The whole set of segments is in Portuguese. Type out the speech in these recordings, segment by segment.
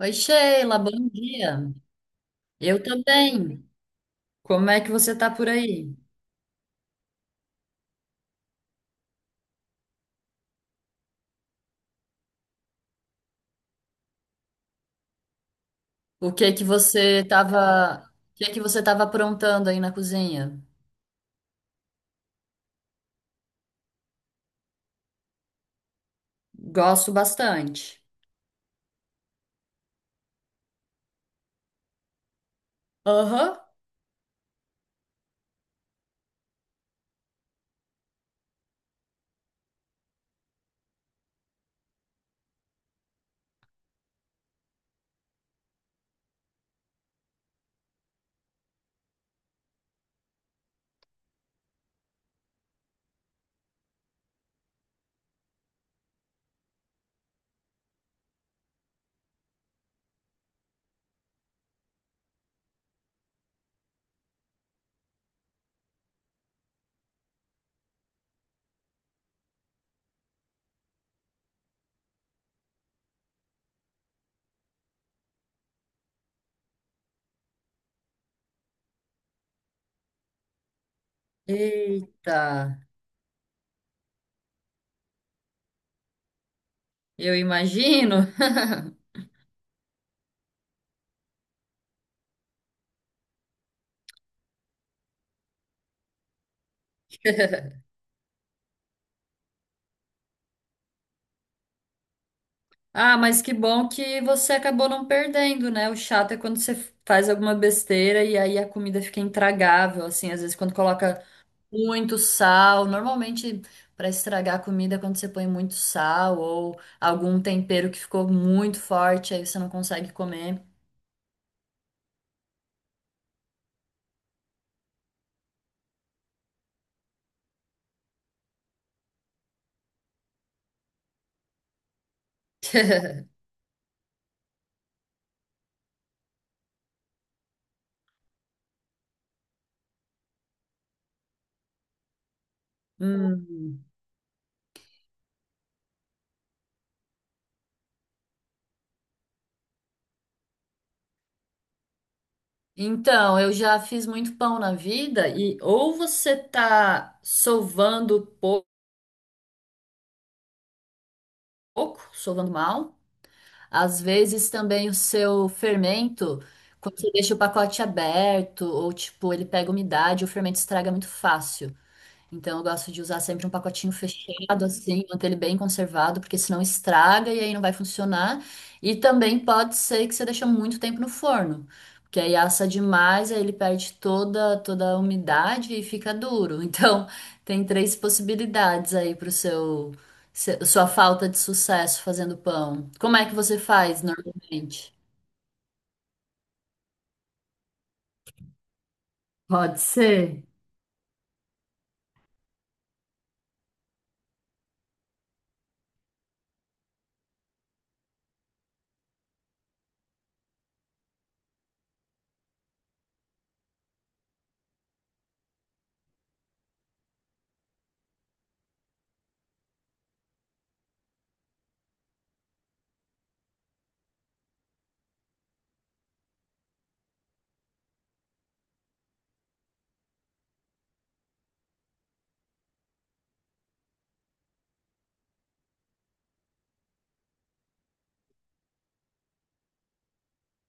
Oi, Sheila, bom dia. Eu também. Como é que você tá por aí? O que é que você tava, o que é que você tava aprontando aí na cozinha? Gosto bastante. Aham. Eita, eu imagino. Ah, mas que bom que você acabou não perdendo, né? O chato é quando você faz alguma besteira e aí a comida fica intragável, assim, às vezes quando coloca muito sal. Normalmente, para estragar a comida, é quando você põe muito sal ou algum tempero que ficou muito forte, aí você não consegue comer. Hum. Então, eu já fiz muito pão na vida e ou você tá sovando pouco, sovando mal, às vezes também o seu fermento, quando você deixa o pacote aberto ou tipo, ele pega umidade, o fermento estraga muito fácil. Então eu gosto de usar sempre um pacotinho fechado, assim, manter ele bem conservado, porque senão estraga e aí não vai funcionar. E também pode ser que você deixe muito tempo no forno, porque aí assa demais, aí ele perde toda, toda a umidade e fica duro. Então tem três possibilidades aí para o seu, sua falta de sucesso fazendo pão. Como é que você faz normalmente? Pode ser.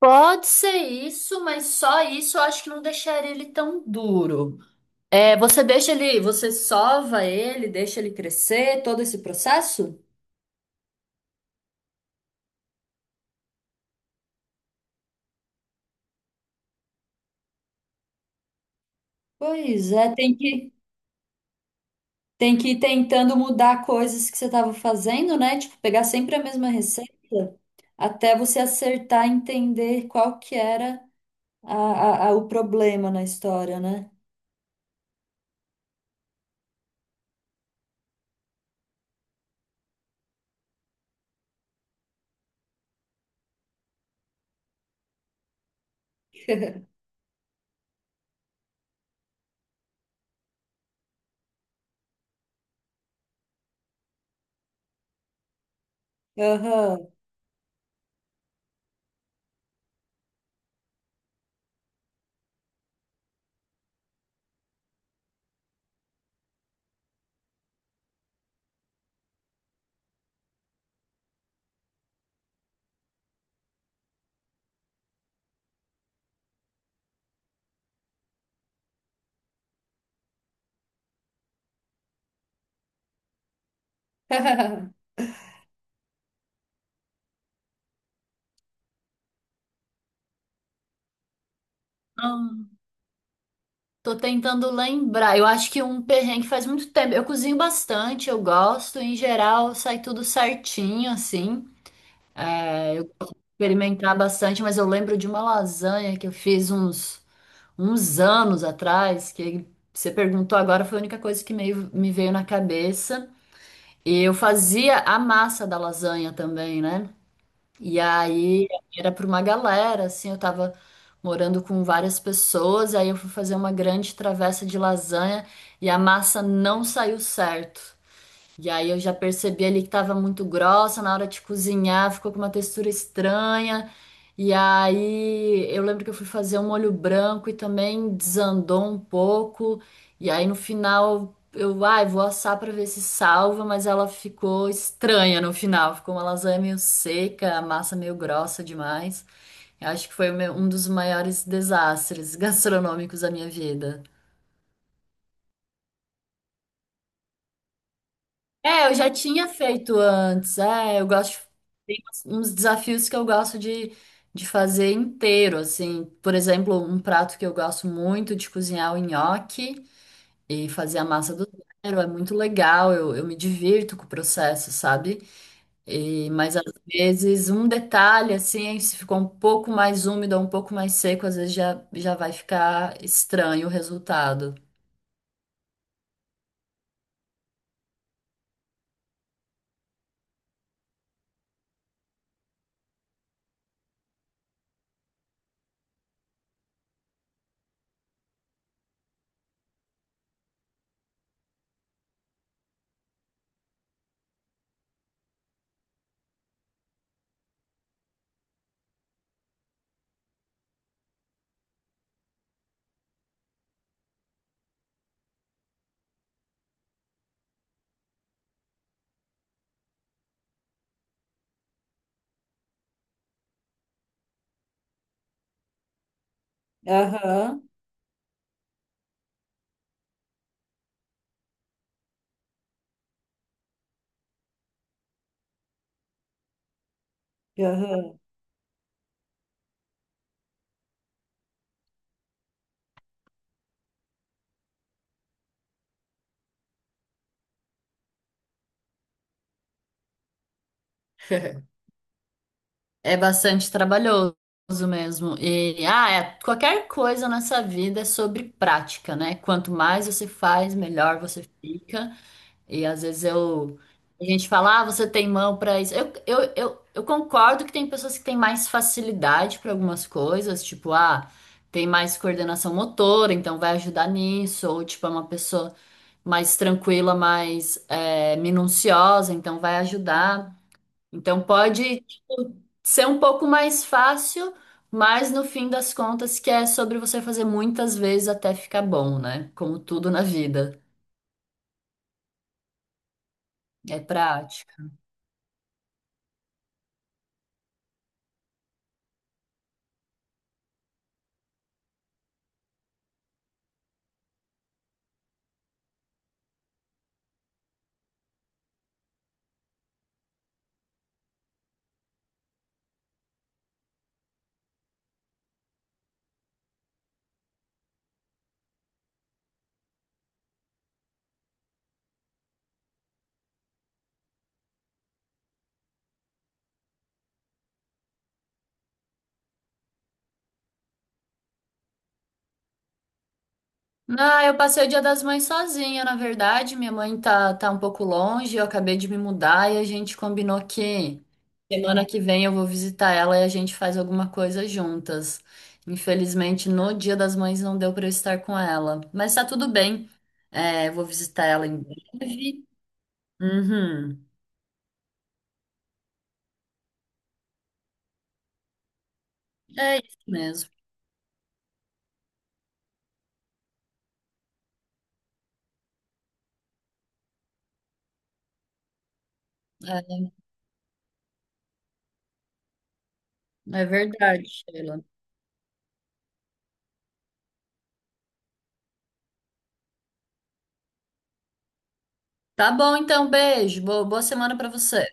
Pode ser isso, mas só isso eu acho que não deixaria ele tão duro. É, você deixa ele, você sova ele, deixa ele crescer, todo esse processo? Pois é, tem que ir tentando mudar coisas que você estava fazendo, né? Tipo, pegar sempre a mesma receita até você acertar e entender qual que era o problema na história, né? Aham. Hum, Tô tentando lembrar. Eu acho que um perrengue faz muito tempo. Eu cozinho bastante, eu gosto. Em geral, sai tudo certinho, assim. É, eu gosto de experimentar bastante, mas eu lembro de uma lasanha que eu fiz uns, uns anos atrás, que você perguntou agora, foi a única coisa que meio, me veio na cabeça. E eu fazia a massa da lasanha também, né? E aí era para uma galera, assim, eu tava morando com várias pessoas, aí eu fui fazer uma grande travessa de lasanha e a massa não saiu certo. E aí eu já percebi ali que tava muito grossa na hora de cozinhar, ficou com uma textura estranha. E aí eu lembro que eu fui fazer um molho branco e também desandou um pouco. E aí no final eu, ai, vou assar pra ver se salva, mas ela ficou estranha no final, ficou uma lasanha meio seca, a massa meio grossa demais. Eu acho que foi o meu- um dos maiores desastres gastronômicos da minha vida. É, eu já tinha feito antes. É, eu gosto. Tem uns desafios que eu gosto de fazer inteiro, assim. Por exemplo, um prato que eu gosto muito de cozinhar é o nhoque e fazer a massa do zero. É muito legal, eu me divirto com o processo, sabe? E, mas às vezes um detalhe, assim, se ficou um pouco mais úmido ou um pouco mais seco, às vezes já, já vai ficar estranho o resultado. Aham, aham. É bastante trabalhoso mesmo. E ah, é- qualquer coisa nessa vida é sobre prática, né? Quanto mais você faz, melhor você fica. E às vezes eu a gente fala, ah, você tem mão para isso. Eu concordo que tem pessoas que têm mais facilidade para algumas coisas, tipo, ah, tem mais coordenação motora, então vai ajudar nisso, ou tipo, é uma pessoa mais tranquila, mais minuciosa, então vai ajudar. Então pode, tipo, ser um pouco mais fácil, mas no fim das contas que é sobre você fazer muitas vezes até ficar bom, né? Como tudo na vida, é prática. Ah, eu passei o Dia das Mães sozinha, na verdade. Minha mãe tá, tá um pouco longe, eu acabei de me mudar e a gente combinou que semana que vem eu vou visitar ela e a gente faz alguma coisa juntas. Infelizmente, no Dia das Mães não deu pra eu estar com ela, mas tá tudo bem. É, eu vou visitar ela em breve. Uhum. É isso mesmo. É, é verdade, Sheila. Tá bom, então, beijo. Boa semana pra você.